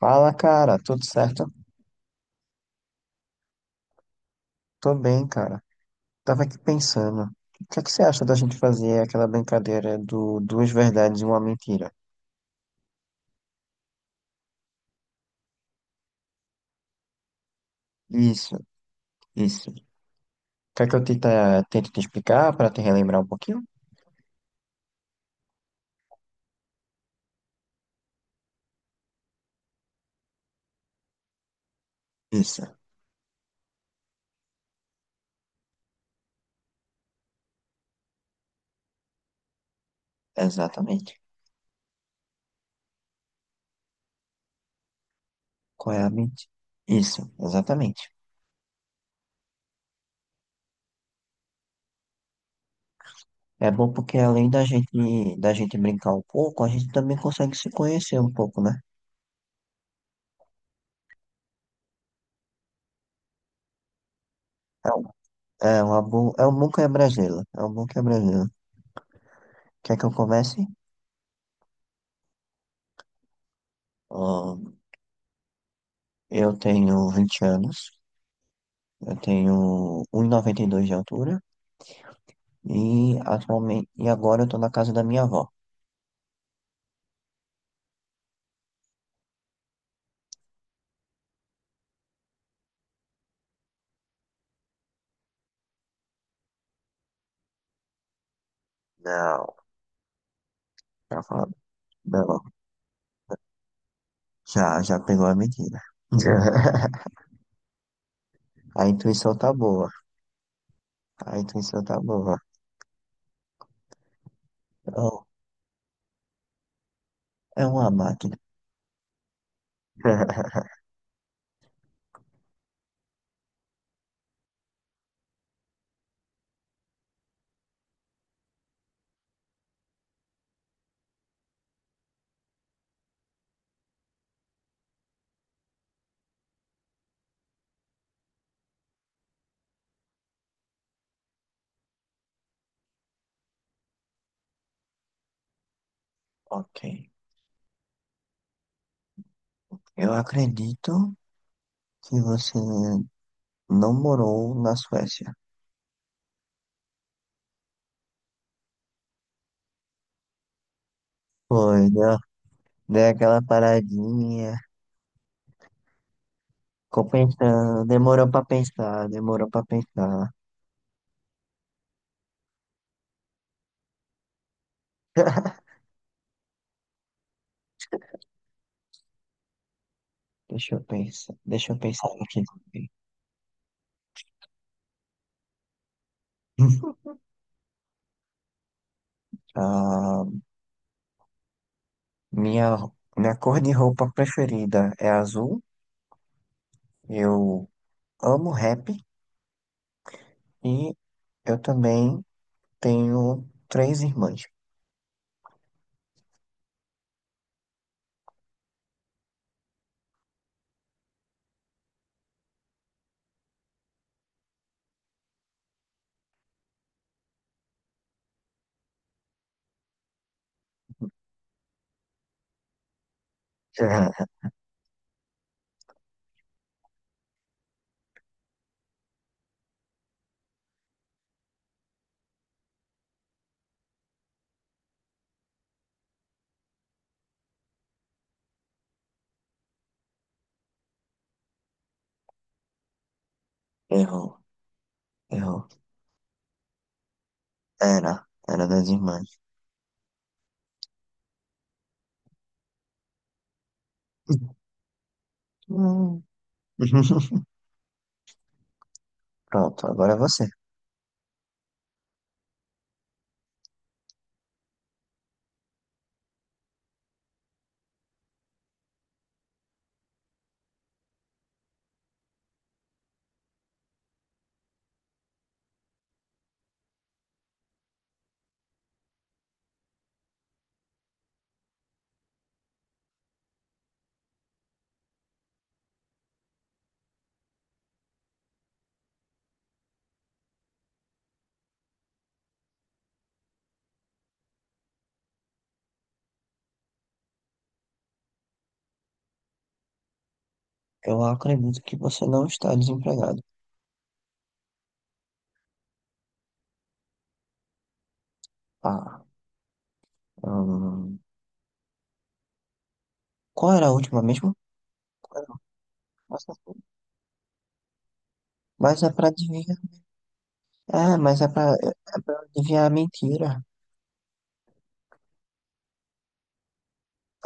Fala, cara, tudo certo? Tô bem, cara. Tava aqui pensando, o que é que você acha da gente fazer aquela brincadeira do duas verdades e uma mentira? Isso, isso. Quer que eu tente te explicar para te relembrar um pouquinho? Isso, exatamente. Qual é a mentira? Isso, exatamente. É bom porque além da gente brincar um pouco, a gente também consegue se conhecer um pouco, né? É, um- É uma boa, é um bom quebra-gelo, é um bom quebra-gelo. Quer que eu comece? Ahn, eu tenho 20 anos. Eu tenho 1,92 de altura e atualmente e agora eu tô na casa da minha avó. Não, já falou. Não, já pegou a medida. A intuição tá boa. A intuição tá boa. Oh, é uma máquina. Ok. Eu acredito que você não morou na Suécia. Foi, deu, deu aquela paradinha. Ficou pensando, demorou pra pensar, demorou pra pensar. Deixa eu pensar. Deixa eu pensar aqui também. Ah, minha, minha cor de roupa preferida é azul. Eu amo rap e eu também tenho três irmãs. Errou, errou. Era, era das irmãs. Hum. Pronto, agora é você. Eu acredito que você não está desempregado. Ah, hum, qual era a última mesmo? Qual era a última? Mas é para É, mas é pra, é é pra adivinhar a mentira.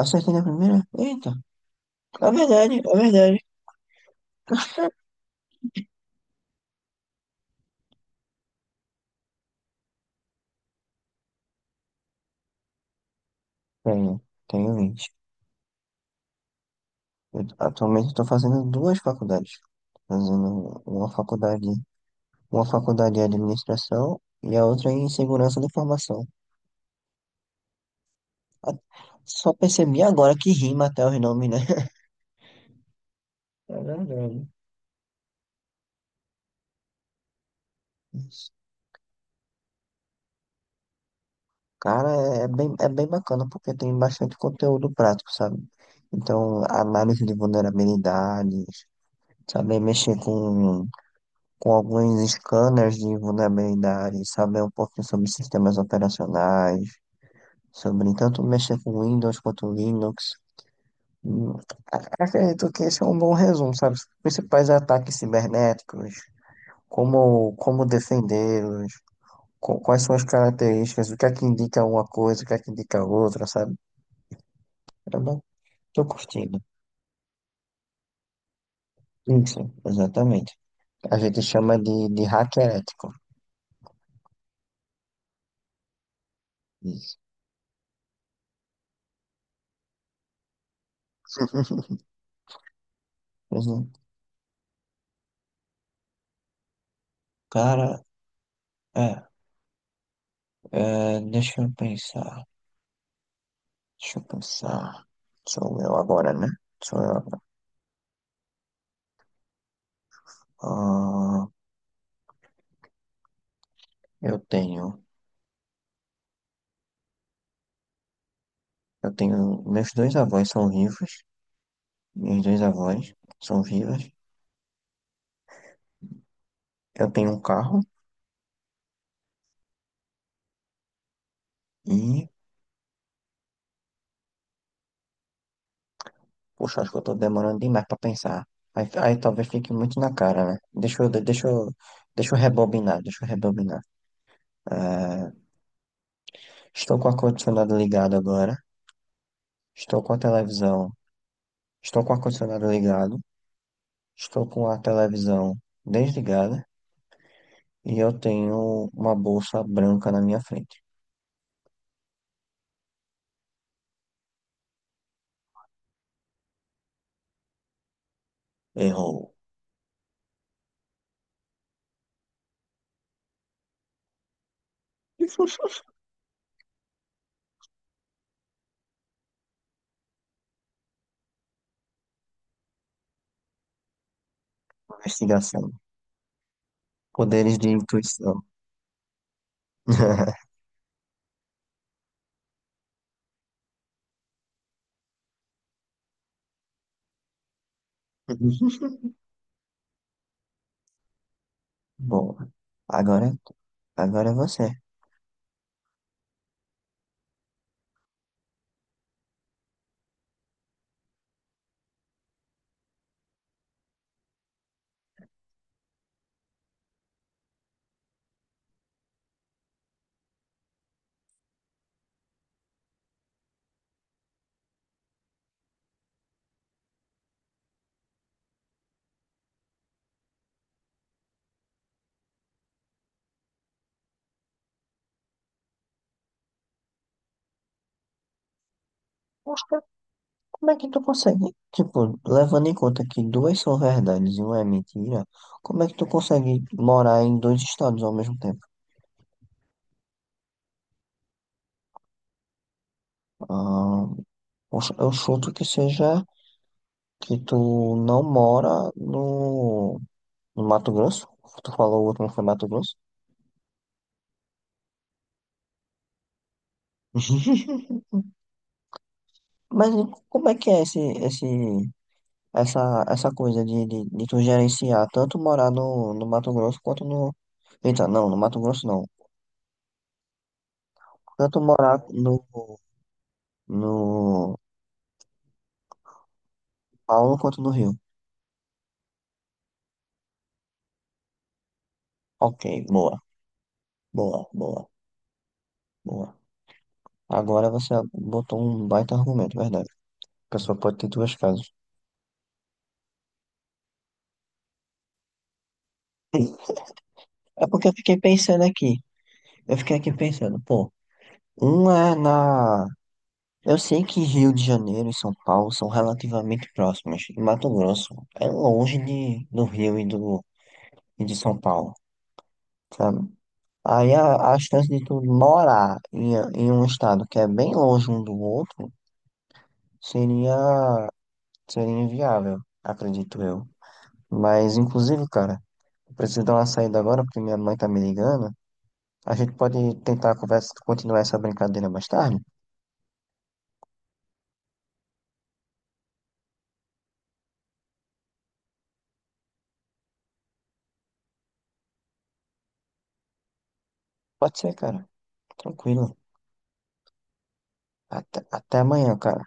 Acertei na primeira? Eita, é verdade, é verdade. Tenho, tenho 20. Eu, atualmente estou fazendo duas faculdades. Fazendo uma faculdade de administração e a outra em segurança da informação. A- Só percebi agora que rima até os nomes, né? É verdade. Isso. Cara, é bem bacana porque tem bastante conteúdo prático, sabe? Então, análise de vulnerabilidades, saber mexer com alguns scanners de vulnerabilidade, saber um pouquinho sobre sistemas operacionais, sobre tanto mexer com Windows quanto Linux. Hum, Acredito que esse é um bom resumo, sabe? Os principais ataques cibernéticos, como defendê-los, quais são as características, o que é que indica uma coisa, o que é que indica outra, sabe? Eu não tô curtindo. Isso, exatamente. A gente chama de hacker ético. Isso. Pois é. Cara, é, deixa eu pensar. Deixa eu pensar. Sou eu agora, né? Sou eu agora. Ah, eu tenho. Eu tenho. Meus dois avós são vivos. Meus dois avós são vivos. Eu tenho um carro e. Poxa, acho que eu tô demorando demais pra pensar. Aí talvez fique muito na cara, né? Deixa eu rebobinar, deixa eu rebobinar. Ah, estou com o ar-condicionado ligado agora. Estou com a televisão. Estou com o ar-condicionado ligado. Estou com a televisão desligada. E eu tenho uma bolsa branca na minha frente. Errou. Investigação. Poderes de intuição. Bom, agora, agora é você. Poxa, como é que tu consegue? Tipo, levando em conta que duas são verdades e uma é mentira, como é que tu consegue morar em dois estados ao mesmo tempo? Ah, poxa, eu chuto que seja que tu não mora no Mato Grosso. Tu falou o último foi Mato Grosso? Mas e como é que é esse, essa coisa de tu gerenciar tanto morar no Mato Grosso quanto no. Eita, não, no Mato Grosso não. Tanto morar no Paulo quanto no Rio. Ok, boa, boa, boa. Agora você botou um baita argumento, verdade. A pessoa pode ter duas casas. É porque eu fiquei pensando aqui. Eu fiquei aqui pensando, pô, um é na. Eu sei que Rio de Janeiro e São Paulo são relativamente próximas. E Mato Grosso é longe do Rio e de São Paulo, sabe? Aí a chance de tu morar em um estado que é bem longe um do outro seria, seria inviável, acredito eu. Mas, inclusive, cara, eu preciso dar uma saída agora porque minha mãe tá me ligando. A gente pode tentar conversa, continuar essa brincadeira mais tarde? Pode ser, cara. Tranquilo. Até amanhã, cara.